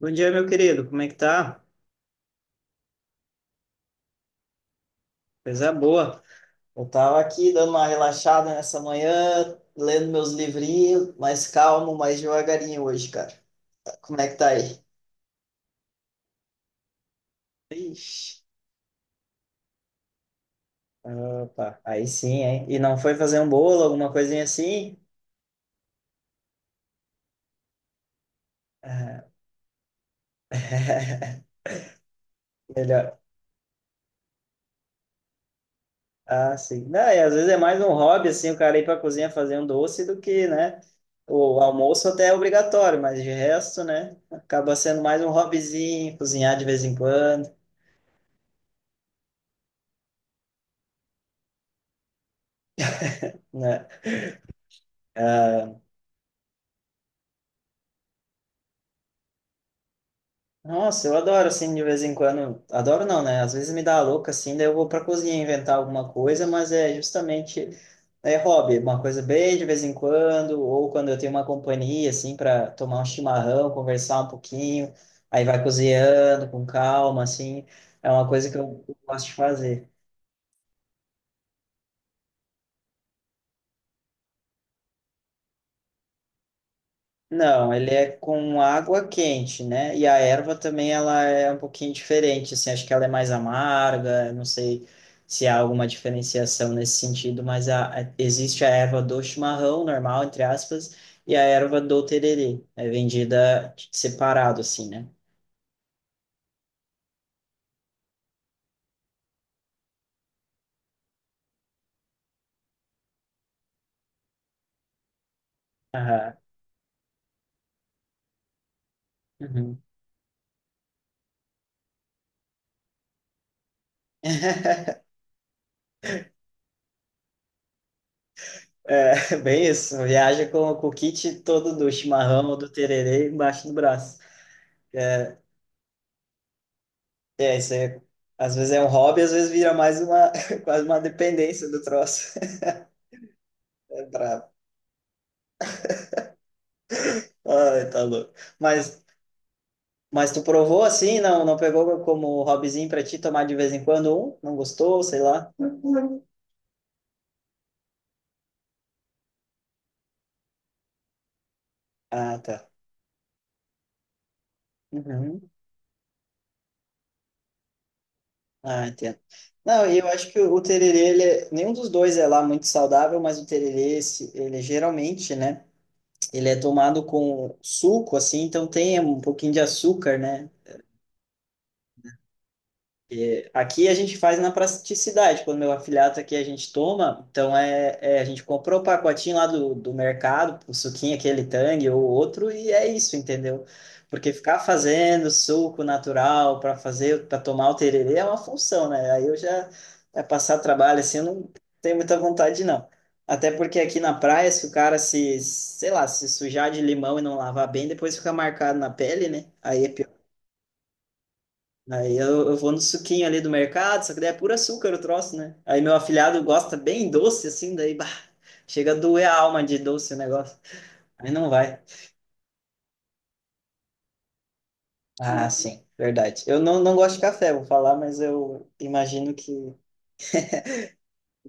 Bom dia, meu querido. Como é que tá? Coisa boa. Eu tava aqui dando uma relaxada nessa manhã, lendo meus livrinhos, mais calmo, mais devagarinho hoje, cara. Como é que tá aí? Ixi. Opa, aí sim, hein? E não foi fazer um bolo, alguma coisinha assim? Ah, melhor. Ah, sim. Não, e às vezes é mais um hobby, assim, o cara ir pra cozinha fazer um doce do que, né? O almoço até é obrigatório, mas de resto, né? Acaba sendo mais um hobbyzinho, cozinhar de vez em quando, né? Ah, nossa, eu adoro, assim, de vez em quando. Adoro não, né? Às vezes me dá a louca, assim, daí eu vou pra cozinha inventar alguma coisa, mas é justamente é hobby, uma coisa bem de vez em quando, ou quando eu tenho uma companhia, assim, para tomar um chimarrão, conversar um pouquinho, aí vai cozinhando com calma, assim, é uma coisa que eu gosto de fazer. Não, ele é com água quente, né? E a erva também ela é um pouquinho diferente, assim, acho que ela é mais amarga, não sei se há alguma diferenciação nesse sentido, mas existe a erva do chimarrão normal, entre aspas, e a erva do tererê, é vendida separado, assim, né? Aham. Uhum. É, bem isso, viaja com o kit todo do chimarrão ou do tererê embaixo do braço. É, isso aí, é, às vezes é um hobby, às vezes vira mais uma, quase uma dependência do troço. É brabo. Ai, tá louco. Mas, mas tu provou assim, não, não pegou como hobbyzinho pra ti tomar de vez em quando um? Não gostou, sei lá? Ah, tá. Uhum. Ah, entendo. Não, e eu acho que o tererê, nenhum dos dois é lá muito saudável, mas o tererê, ele geralmente, né, ele é tomado com suco, assim, então tem um pouquinho de açúcar, né? E aqui a gente faz na praticidade. Quando meu afiliado aqui a gente toma, então a gente comprou o pacotinho lá do mercado, o suquinho, aquele Tang ou outro, e é isso, entendeu? Porque ficar fazendo suco natural para fazer, para tomar o tererê é uma função, né? Aí eu já é passar trabalho assim, eu não tenho muita vontade, não. Até porque aqui na praia, se o cara se, sei lá, se sujar de limão e não lavar bem, depois fica marcado na pele, né? Aí é. Aí eu vou no suquinho ali do mercado, só que daí é puro açúcar o troço, né? Aí meu afilhado gosta bem doce, assim, daí, bah, chega a doer a alma de doce o negócio. Aí não vai. Ah, sim, verdade. Eu não gosto de café, vou falar, mas eu imagino que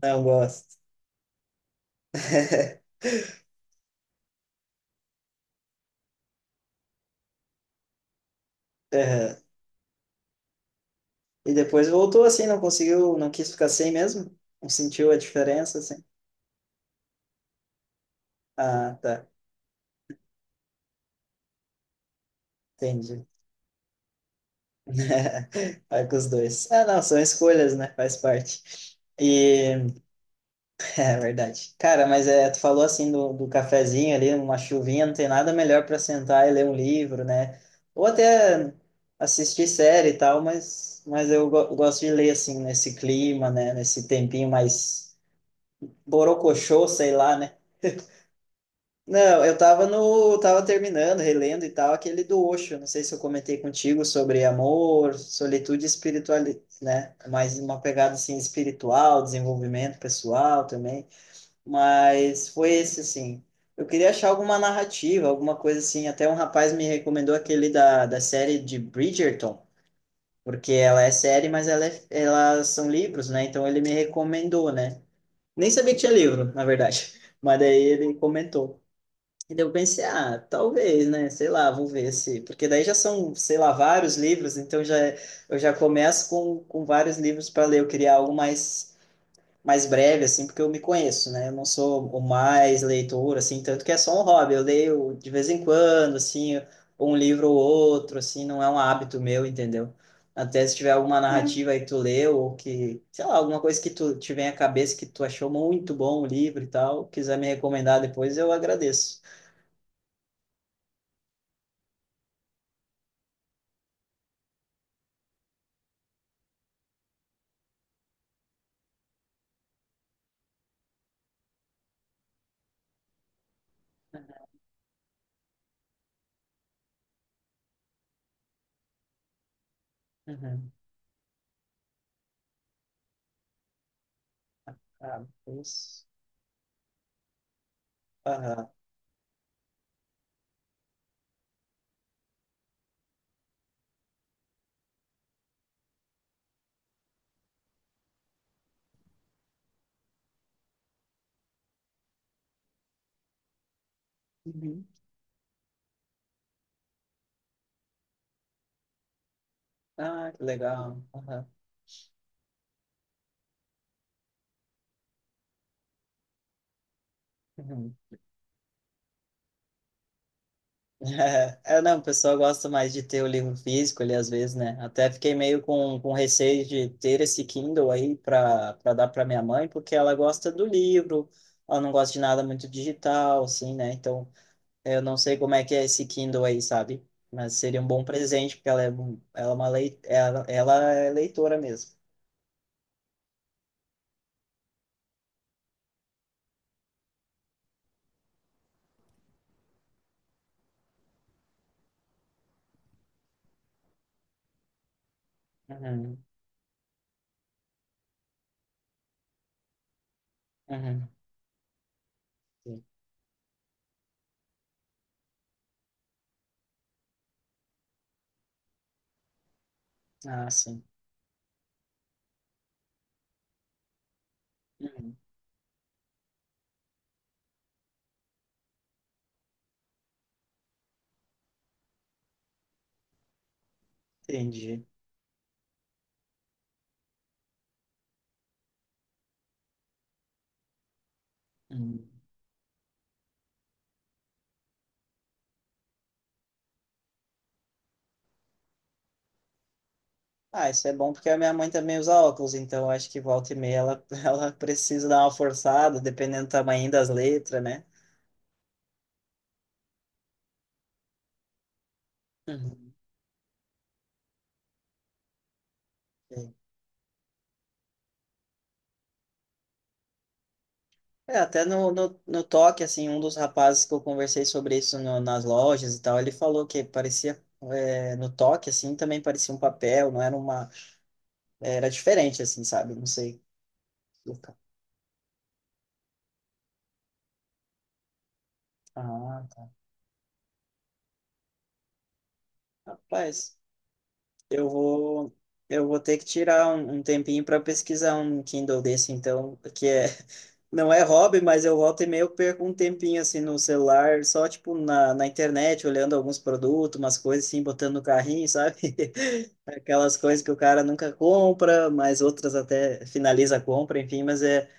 não gosto. Aham. E depois voltou assim, não conseguiu, não quis ficar sem mesmo? Não sentiu a diferença, assim? Ah, tá, entendi. Vai com os dois. Ah, não, são escolhas, né? Faz parte. E... É verdade. Cara, mas é, tu falou assim do cafezinho ali, uma chuvinha, não tem nada melhor para sentar e ler um livro, né? Ou até assistir série e tal, mas, mas eu gosto de ler assim, nesse clima, né? Nesse tempinho mais borocochô, sei lá, né? Não, eu tava no, tava terminando, relendo e tal, aquele do Osho, não sei se eu comentei contigo sobre amor, solitude e espiritualidade, né? Mais uma pegada assim espiritual, desenvolvimento pessoal também. Mas foi esse, assim. Eu queria achar alguma narrativa, alguma coisa assim. Até um rapaz me recomendou aquele da série de Bridgerton, porque ela é série, mas ela é, elas são livros, né? Então ele me recomendou, né? Nem sabia que tinha livro, na verdade. Mas daí ele comentou. E daí eu pensei, ah, talvez, né? Sei lá, vou ver se. Porque daí já são, sei lá, vários livros, então já, eu já começo com vários livros para ler. Eu queria algo mais mais breve, assim, porque eu me conheço, né? Eu não sou o mais leitor, assim, tanto que é só um hobby. Eu leio de vez em quando, assim, um livro ou outro, assim, não é um hábito meu, entendeu? Até se tiver alguma narrativa aí que tu leu, ou que, sei lá, alguma coisa que tu tiver à cabeça que tu achou muito bom o livro e tal, quiser me recomendar depois, eu agradeço. Uhum. Ah, isso. Aham. Uhum. Ah, que legal. Aham. Uhum. É, é, não, o pessoal gosta mais de ter o livro físico ali, às vezes, né? Até fiquei meio com receio de ter esse Kindle aí para dar para minha mãe, porque ela gosta do livro, ela não gosta de nada muito digital, assim, né? Então, eu não sei como é que é esse Kindle aí, sabe? Mas seria um bom presente, porque ela é uma lei, ela é leitora mesmo. Uhum, uhum. Sim. Ah, sim. Uhum, entendi. Uhum. Ah, isso é bom porque a minha mãe também usa óculos, então eu acho que volta e meia ela, ela precisa dar uma forçada, dependendo do tamanho das letras, né? Uhum. Sim. É, até no toque, assim, um dos rapazes que eu conversei sobre isso nas lojas e tal, ele falou que parecia, é, no toque, assim, também parecia um papel, não era uma... Era diferente, assim, sabe? Não sei. Ah, tá. Rapaz, eu vou... Eu vou ter que tirar um tempinho para pesquisar um Kindle desse, então, que é. Não é hobby, mas eu volta e meia eu perco um tempinho assim no celular, só tipo na internet, olhando alguns produtos, umas coisas assim, botando no carrinho, sabe? Aquelas coisas que o cara nunca compra, mas outras até finaliza a compra, enfim, mas é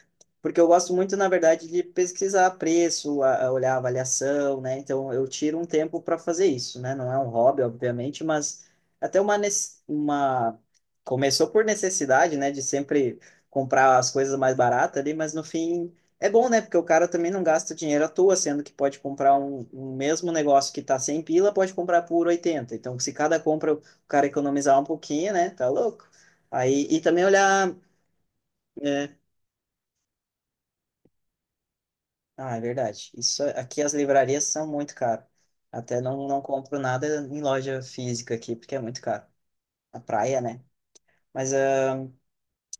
porque eu gosto muito, na verdade, de pesquisar preço, a olhar avaliação, né? Então, eu tiro um tempo para fazer isso, né? Não é um hobby, obviamente, mas até uma, uma... Começou por necessidade, né? De sempre comprar as coisas mais baratas ali, mas no fim é bom, né? Porque o cara também não gasta dinheiro à toa, sendo que pode comprar um mesmo negócio que tá 100 pila, pode comprar por 80. Então, se cada compra o cara economizar um pouquinho, né? Tá louco. Aí, e também olhar é. Ah, é verdade. Isso é, aqui as livrarias são muito caro. Até não, não compro nada em loja física aqui, porque é muito caro. A praia, né? Mas ah,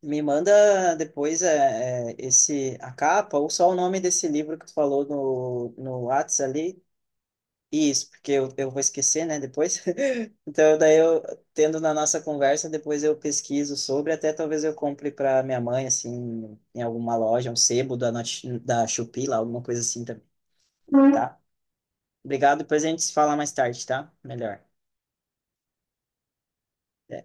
me manda depois eh, eh, esse, a capa ou só o nome desse livro que tu falou no Whats ali. Isso, porque eu vou esquecer, né, depois. Então, daí eu, tendo na nossa conversa, depois eu pesquiso sobre, até talvez eu compre para minha mãe, assim, em alguma loja, um sebo da, da Shopee, lá, alguma coisa assim também, tá? Obrigado. Depois a gente se fala mais tarde, tá? Melhor. Até.